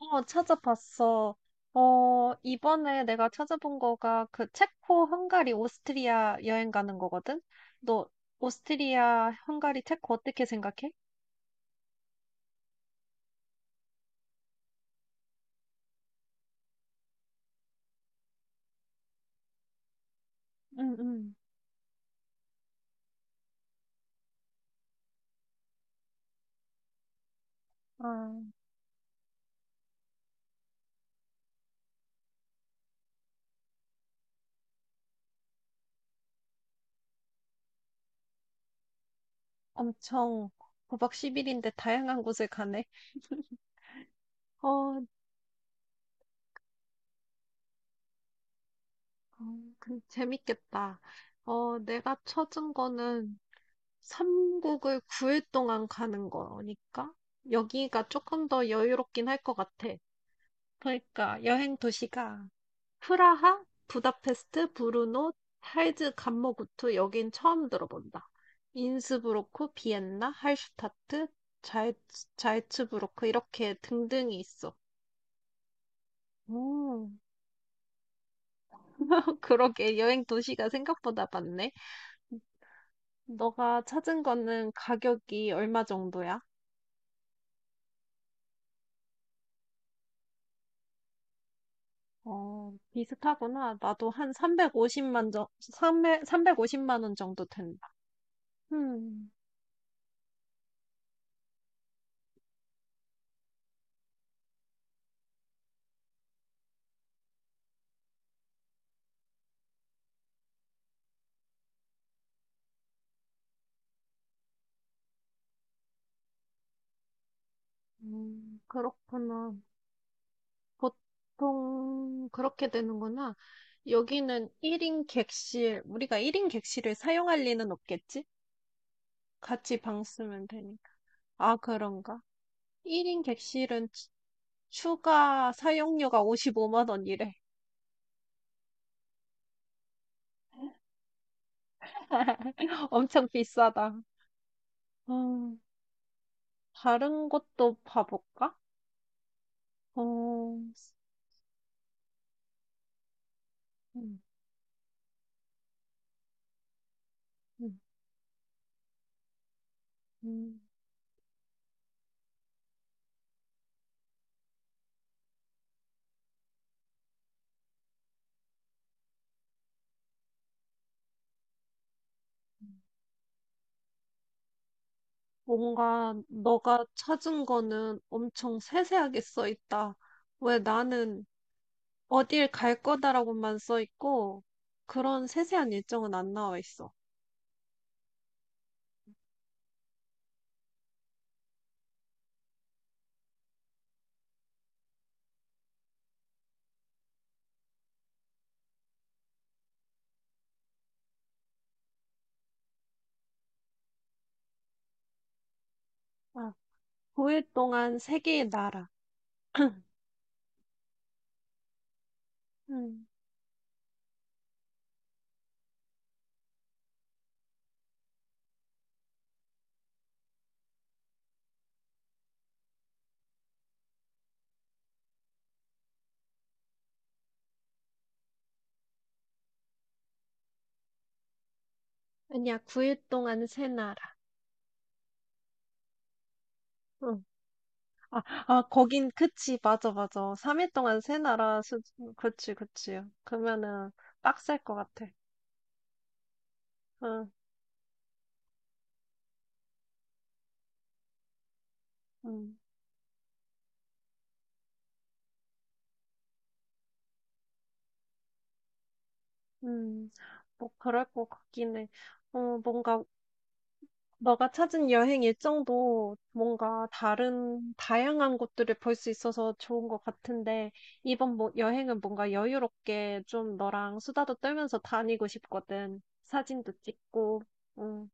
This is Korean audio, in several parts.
어, 찾아봤어. 어, 이번에 내가 찾아본 거가 그 체코, 헝가리, 오스트리아 여행 가는 거거든? 너 오스트리아, 헝가리, 체코 어떻게 생각해? 응, 응. 아, 엄청 구박1일인데 다양한 곳을 가네. 어, 그, 재밌겠다. 어, 내가 찾은 거는 3국을 9일 동안 가는 거니까 여기가 조금 더 여유롭긴 할 것 같아. 그러니까 여행 도시가 프라하, 부다페스트, 브루노, 할즈, 감모구트 여긴 처음 들어본다. 인스브로크, 비엔나, 할슈타트, 자이, 자이츠부르크 이렇게 등등이 있어. 오, 그러게 여행 도시가 생각보다 많네. 너가 찾은 거는 가격이 얼마 정도야? 어, 비슷하구나. 나도 한 350만 350만 원 정도 된다. 음, 그렇구나. 보통 그렇게 되는구나. 여기는 1인 객실, 우리가 1인 객실을 사용할 리는 없겠지? 같이 방 쓰면 되니까. 아, 그런가? 1인 객실은 추가 사용료가 55만 원이래. 엄청 비싸다. 음, 다른 곳도 봐볼까? 어, 음, 음, 음. 음. 뭔가 너가 찾은 거는 엄청 세세하게 써 있다. 왜 나는 어딜 갈 거다라고만 써 있고, 그런 세세한 일정은 안 나와 있어. 아, 9일 동안 3개의 나라. 음, 아니야, 9일 동안 세 나라. 아, 아, 거긴, 그치, 맞아, 맞아. 3일 동안 세 나라 그치, 그치. 그러면은 빡셀 것 같아. 응, 응, 응. 뭐, 그럴 것 같긴 해. 어, 뭔가, 너가 찾은 여행 일정도 뭔가 다른, 다양한 곳들을 볼 수 있어서 좋은 것 같은데, 이번 뭐, 여행은 뭔가 여유롭게 좀 너랑 수다도 떨면서 다니고 싶거든. 사진도 찍고, 응,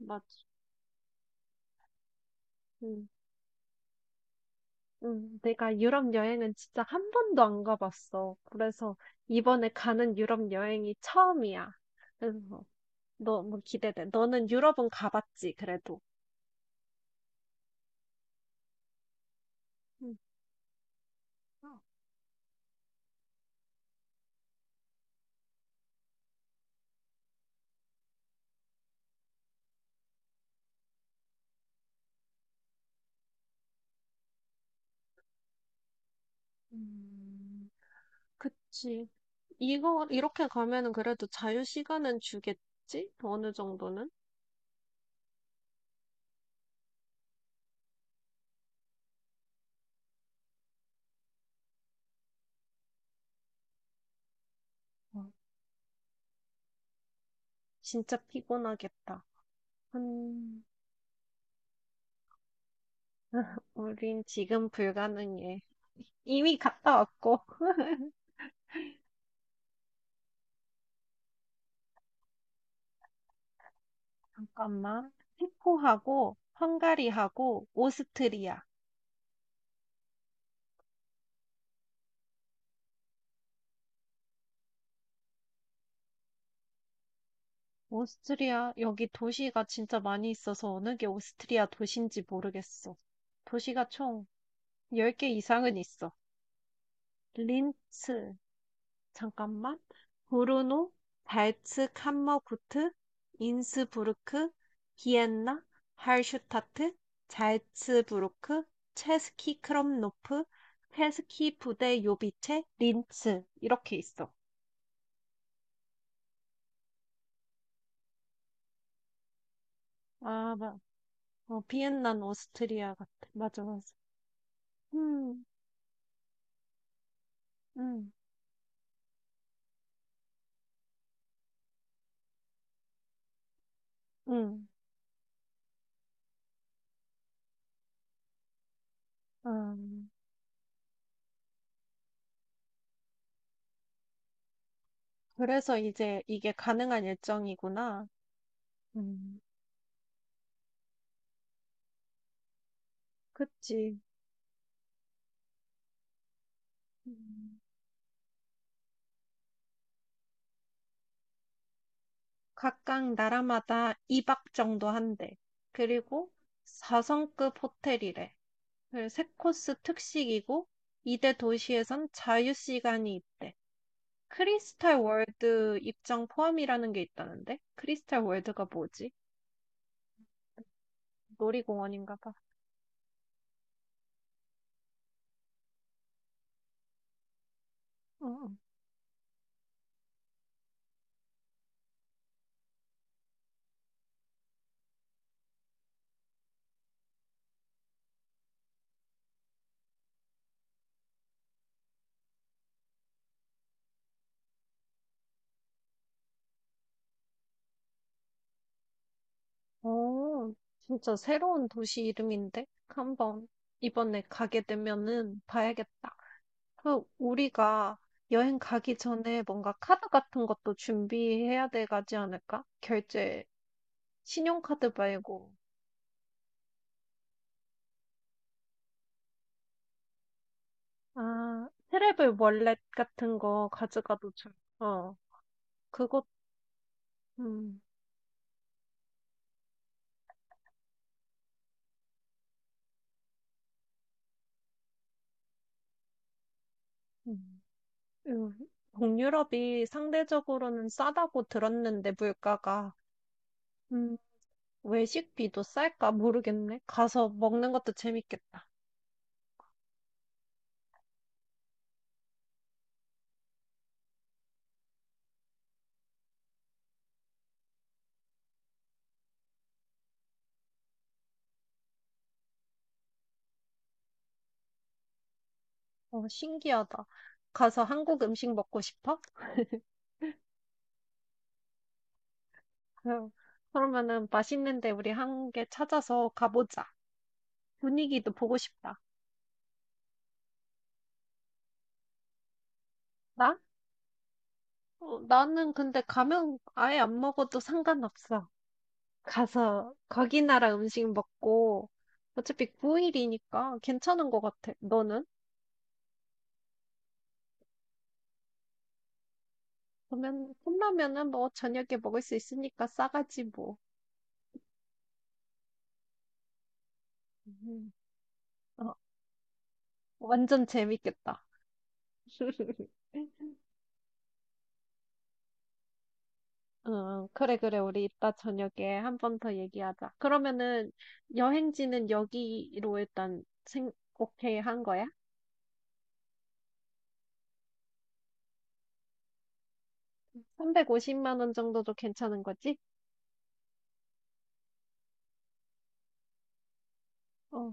맞아. 응. 내가 유럽 여행은 진짜 한 번도 안 가봤어. 그래서 이번에 가는 유럽 여행이 처음이야. 그래서 너무 기대돼. 너는 유럽은 가봤지, 그래도. 음, 음, 그치. 이거, 이렇게 가면은 그래도 자유 시간은 주겠지? 어느 정도는? 어, 진짜 피곤하겠다. 음, 우린 지금 불가능해. 이미 갔다 왔고. 잠깐만. 체코하고 헝가리하고 오스트리아. 오스트리아, 여기 도시가 진짜 많이 있어서 어느 게 오스트리아 도시인지 모르겠어. 도시가 총 10개 이상은 있어. 린츠, 잠깐만. 브루노, 발츠 캄머구트, 인스부르크, 비엔나, 할슈타트, 잘츠부르크, 체스키 크롬노프, 체스키 부데 요비체, 린츠. 이렇게 있어. 아, 맞. 어, 비엔나는 오스트리아 같아. 맞아, 맞아. 음, 음. 음, 음. 그래서 이제 이게 가능한 일정이구나. 음, 그치. 음. 각각 나라마다 2박 정도 한대. 그리고 4성급 호텔이래. 3코스 특식이고, 이대 도시에선 자유시간이 있대. 크리스탈 월드 입장 포함이라는 게 있다는데? 크리스탈 월드가 뭐지? 놀이공원인가 봐. 어, 어, 진짜 새로운 도시 이름인데? 한 번 이번에 가게 되면은 봐야겠다. 그, 우리가 여행 가기 전에 뭔가 카드 같은 것도 준비해야 돼 가지 않을까? 결제, 신용카드 말고. 아, 트래블 월렛 같은 거 가져가도 좋. 어, 그것. 음, 음, 음. 동유럽이 상대적으로는 싸다고 들었는데, 물가가. 외식비도 쌀까 모르겠네. 가서 먹는 것도 재밌겠다. 어, 신기하다. 가서 한국 음식 먹고 싶어? 그 그러면은 맛있는데 우리 1개 찾아서 가보자. 분위기도 보고 싶다. 나? 어, 나는 근데 가면 아예 안 먹어도 상관없어. 가서 거기 나라 음식 먹고 어차피 9일이니까 괜찮은 것 같아. 너는? 그러면 컵라면은 뭐 저녁에 먹을 수 있으니까 싸가지 뭐. 음. 어, 완전 재밌겠다. 응, 그래, 그래. 우리 이따 저녁에 한번 더 얘기하자. 그러면은 여행지는 여기로 일단 오케이 한 거야? 350만 원 정도도 괜찮은 거지? 어,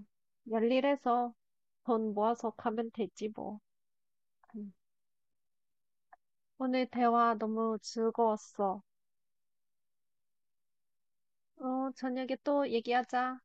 열일해서 돈 모아서 가면 되지 뭐. 음. 오늘 대화 너무 즐거웠어. 어, 저녁에 또 얘기하자.